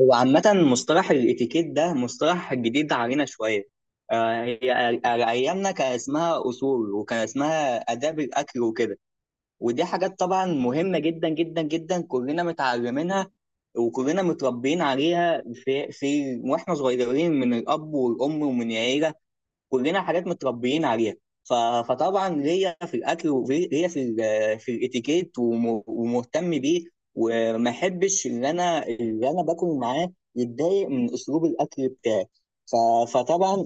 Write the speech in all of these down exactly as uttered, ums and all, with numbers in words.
هو عامة، مصطلح الاتيكيت ده مصطلح جديد علينا شوية. آه، هي على أيامنا كان اسمها أصول، وكان اسمها آداب الأكل وكده. ودي حاجات طبعا مهمة جدا جدا جدا، كلنا متعلمينها، وكلنا متربيين عليها في, في وإحنا صغيرين من الأب والأم ومن العيلة، كلنا حاجات متربيين عليها. ف... فطبعا ليا في الاكل، وليا في ال... في الاتيكيت، وم... ومهتم بيه، وما احبش ان انا اللي انا باكل معاه يتضايق من اسلوب الاكل بتاعي. ف... فطبعا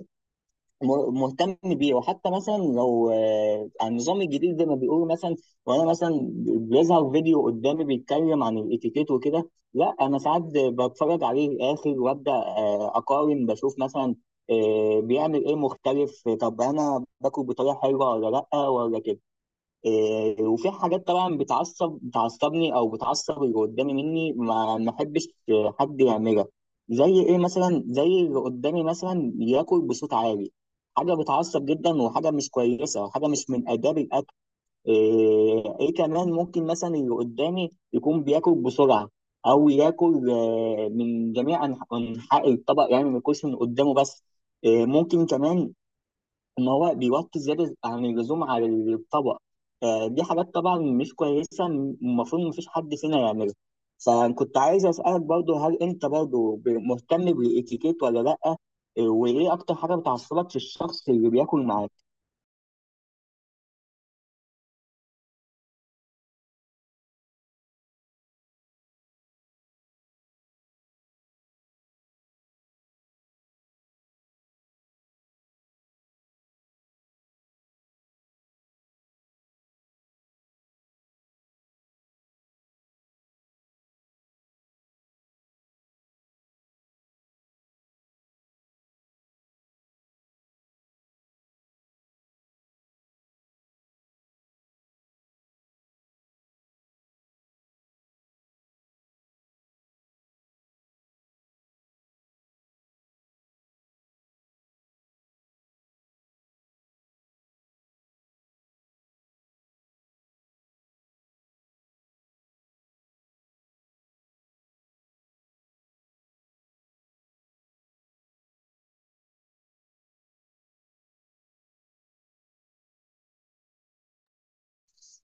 م- مهتم بيه. وحتى مثلا لو آه، عن النظام الجديد، زي ما بيقولوا مثلا، وانا مثلا بيظهر فيديو قدامي بيتكلم عن الاتيكيت وكده، لا انا ساعات بتفرج عليه الاخر، وابدا آه، اقارن، بشوف مثلا آه، بيعمل ايه مختلف. طب انا باكل بطريقه حلوه ولا لا ولا كده؟ إيه، وفي حاجات طبعا بتعصب بتعصبني او بتعصب اللي قدامي، مني ما ما احبش حد يعملها. زي ايه مثلا؟ زي اللي قدامي مثلا ياكل بصوت عالي، حاجه بتعصب جدا، وحاجه مش كويسه، وحاجه مش من اداب الاكل. ايه، إيه كمان، ممكن مثلا اللي قدامي يكون بياكل بسرعه، او ياكل آه، من جميع أنح- انحاء الطبق، يعني ما ياكلش من قدامه بس. إيه، ممكن كمان ما هو بيوطي زيادة عن اللزوم على الطبق. فدي حاجات طبعا مش كويسة، المفروض مفيش حد فينا يعملها. فكنت عايز أسألك برضو، هل أنت برضو ب- مهتم بالإتيكيت ولا لأ؟ آه، وإيه أكتر حاجة بتعصبك في الشخص اللي بياكل معاك؟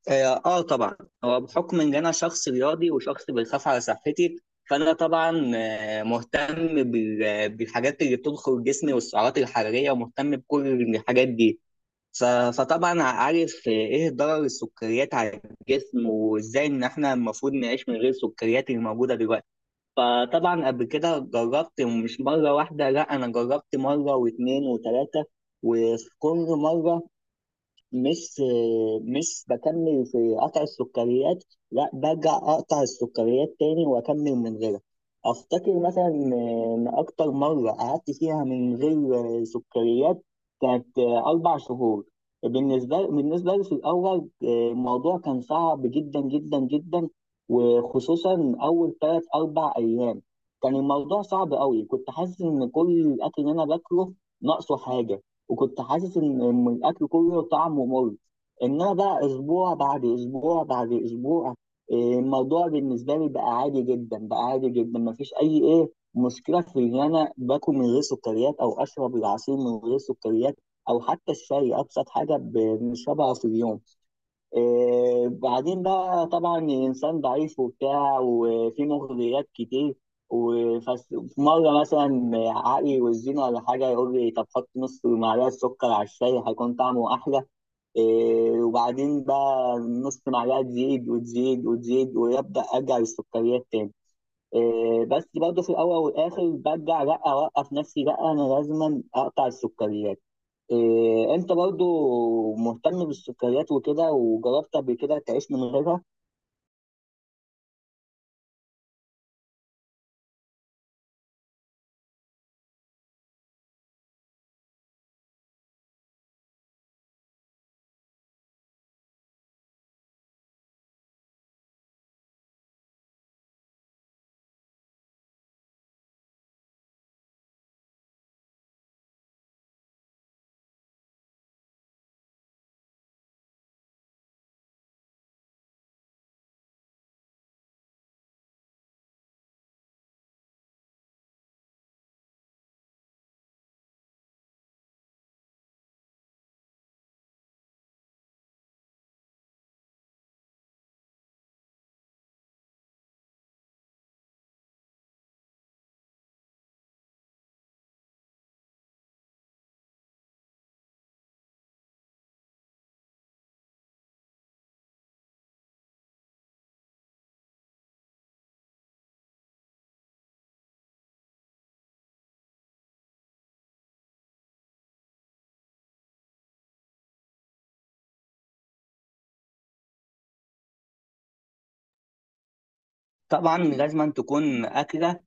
آه, آه طبعا، هو بحكم إن أنا شخص رياضي وشخص بيخاف على صحتي، فأنا طبعا آه، مهتم بال- بالحاجات اللي بتدخل جسمي والسعرات الحرارية، ومهتم بكل الحاجات دي. ف- فطبعا عارف ايه ضرر السكريات على الجسم، وازاي ان احنا المفروض نعيش من غير السكريات اللي موجوده دلوقتي. فطبعا قبل كده جربت مش مره واحده، لا انا جربت مره واثنين وثلاثه، وفي كل مره مش مش بكمل في قطع السكريات، لا برجع اقطع السكريات تاني واكمل من غيرها. افتكر مثلا ان اكتر مره قعدت فيها من غير سكريات كانت اربع شهور. بالنسبه بالنسبه لي في الاول الموضوع كان صعب جدا جدا جدا، وخصوصا اول ثلاث اربع ايام كان الموضوع صعب قوي. كنت حاسس ان كل الاكل اللي انا باكله ناقصه حاجه، وكنت حاسس ان إن الاكل كله طعمه مر. انما بقى اسبوع بعد اسبوع بعد اسبوع، إيه، الموضوع بالنسبه لي بقى عادي جدا، بقى عادي جدا. مفيش اي ايه مشكله في ان انا باكل من غير سكريات، او اشرب العصير من غير سكريات، او حتى الشاي ابسط حاجه بنشربها في اليوم. آه، بعدين بقى طبعا الإنسان ضعيف وبتاع، وفي مغريات كتير، وفي مرة مثلا عقلي والزينة ولا حاجة يقول لي طب حط نص معلقة سكر على الشاي هيكون طعمه أحلى. آه، وبعدين بقى نص معلقة تزيد وتزيد وتزيد، ويبدأ أرجع للسكريات تاني. آه، بس برضه في الأول والآخر برجع لأ، أوقف نفسي، لأ أنا لازما أقطع السكريات. إيه، انت برضو مهتم بالسكريات وكده، وجربت قبل كده تعيش من غيرها؟ طبعا لازم تكون اكله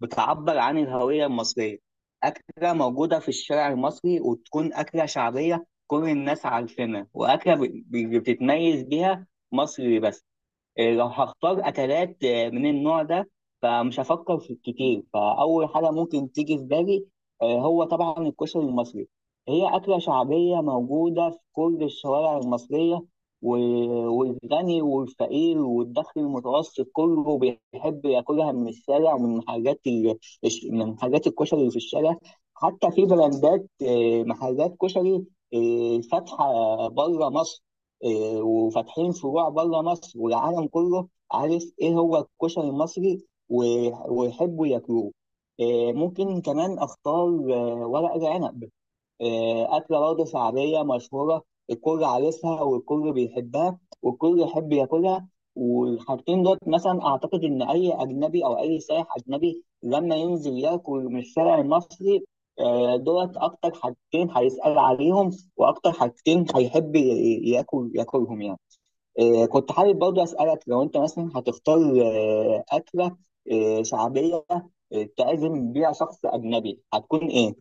بتعبر عن الهويه المصريه، اكله موجوده في الشارع المصري، وتكون اكله شعبيه كل الناس عارفينها، واكله ب- ب- بتتميز بيها مصر بس. إيه، لو هختار أكلات آه، من النوع ده، فمش هفكر في كتير، فأول حاجة ممكن تيجي في بالي آه، هو طبعا الكشري المصري. هي أكلة شعبية موجودة في كل الشوارع المصرية، و- والغني والفقير والدخل المتوسط كله بيحب ياكلها من الشارع، ومن حاجات ال... الش- من حاجات الكشري اللي في الشارع. حتى في براندات آه، محلات كشري آه، فاتحة بره مصر. إيه، وفاتحين فروع بره مصر، والعالم كله عارف ايه هو الكشري المصري، و- ويحبوا ياكلوه. إيه، ممكن كمان اختار آه، ورق العنب، آه، أكلة برضه شعبية مشهورة، الكل عارفها، والكل بيحبها، والكل يحب ياكلها. والحاجتين دول مثلا أعتقد إن أي أجنبي أو أي سائح أجنبي لما ينزل ياكل من الشارع المصري، آه، دولت أكتر حاجتين هيسأل عليهم، وأكتر حاجتين هيحب ي- ياكل ياكلهم يعني. آه، كنت حابب برضه أسألك، لو أنت مثلا هتختار آه، أكلة آه، شعبية آه، تعزم بيها شخص أجنبي، هتكون إيه؟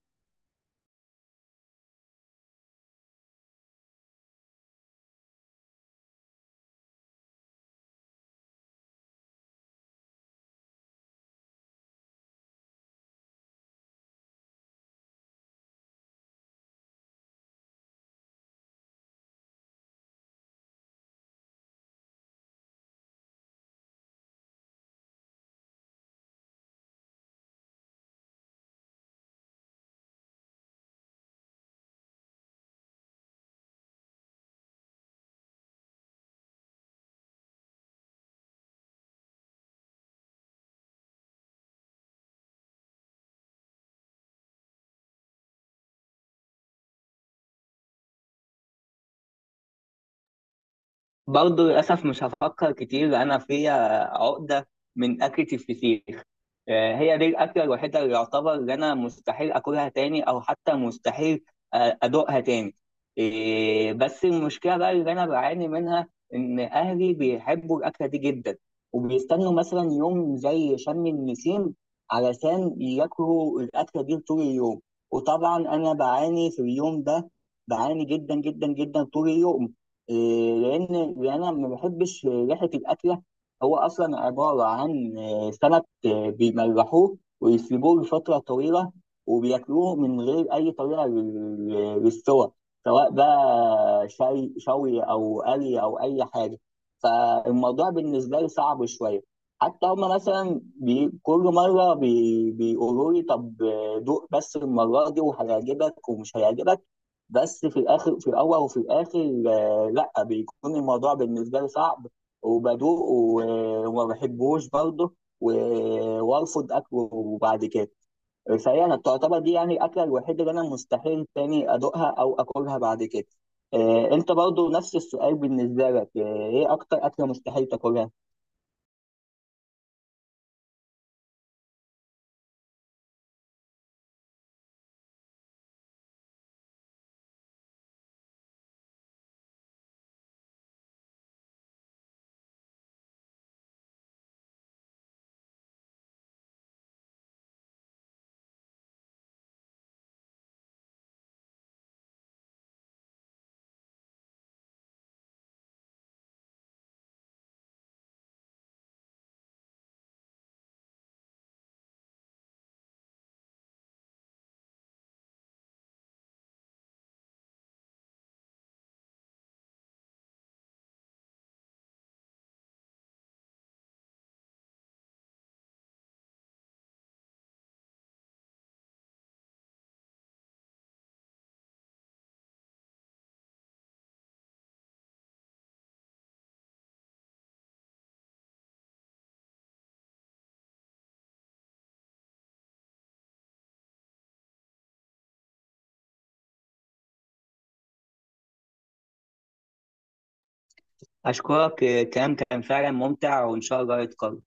برضه للأسف مش هفكر كتير، أنا فيا عقدة من أكلة الفسيخ. آه، هي دي الأكلة الوحيدة اللي يعتبر إن أنا مستحيل أكلها تاني، أو حتى مستحيل آه، أدوقها تاني. إيه، بس المشكلة بقى اللي أنا بعاني منها إن أهلي بيحبوا الأكلة دي جدا، وبيستنوا مثلا يوم زي شم النسيم علشان ياكلوا الأكلة دي طول اليوم. وطبعا أنا بعاني في اليوم ده، بعاني جدا جدا جدا طول اليوم. إيه، لأن لأن أنا ما بحبش ريحة الأكلة. هو أصلا عبارة عن آه، سمك آه، بيملحوه ويسيبوه لفترة طويلة، وبياكلوه من غير أي طريقة لل- للسوى، سواء بقى شوي شوي، أو قلي، أو أي حاجة. فالموضوع بالنسبة لي صعب شوية. حتى هما مثلا بي كل مرة بي بيقولوا لي طب آه، دوق بس المرة دي، وهيعجبك ومش هيعجبك. بس في الآخر، في الأول وفي الآخر آه، لأ، بيكون الموضوع بالنسبة لي صعب، وبدوق و- وما بحبوش برضه، و... وارفض اكله بعد كده. فهي انا تعتبر دي يعني الاكله الوحيده اللي انا مستحيل تاني ادوقها او اكلها بعد كده. آه، انت برضو نفس السؤال، بالنسبه لك آه، ايه اكتر اكله مستحيل تاكلها؟ اشكرك، آه، الكلام كان فعلا ممتع، وان شاء الله يتكرر.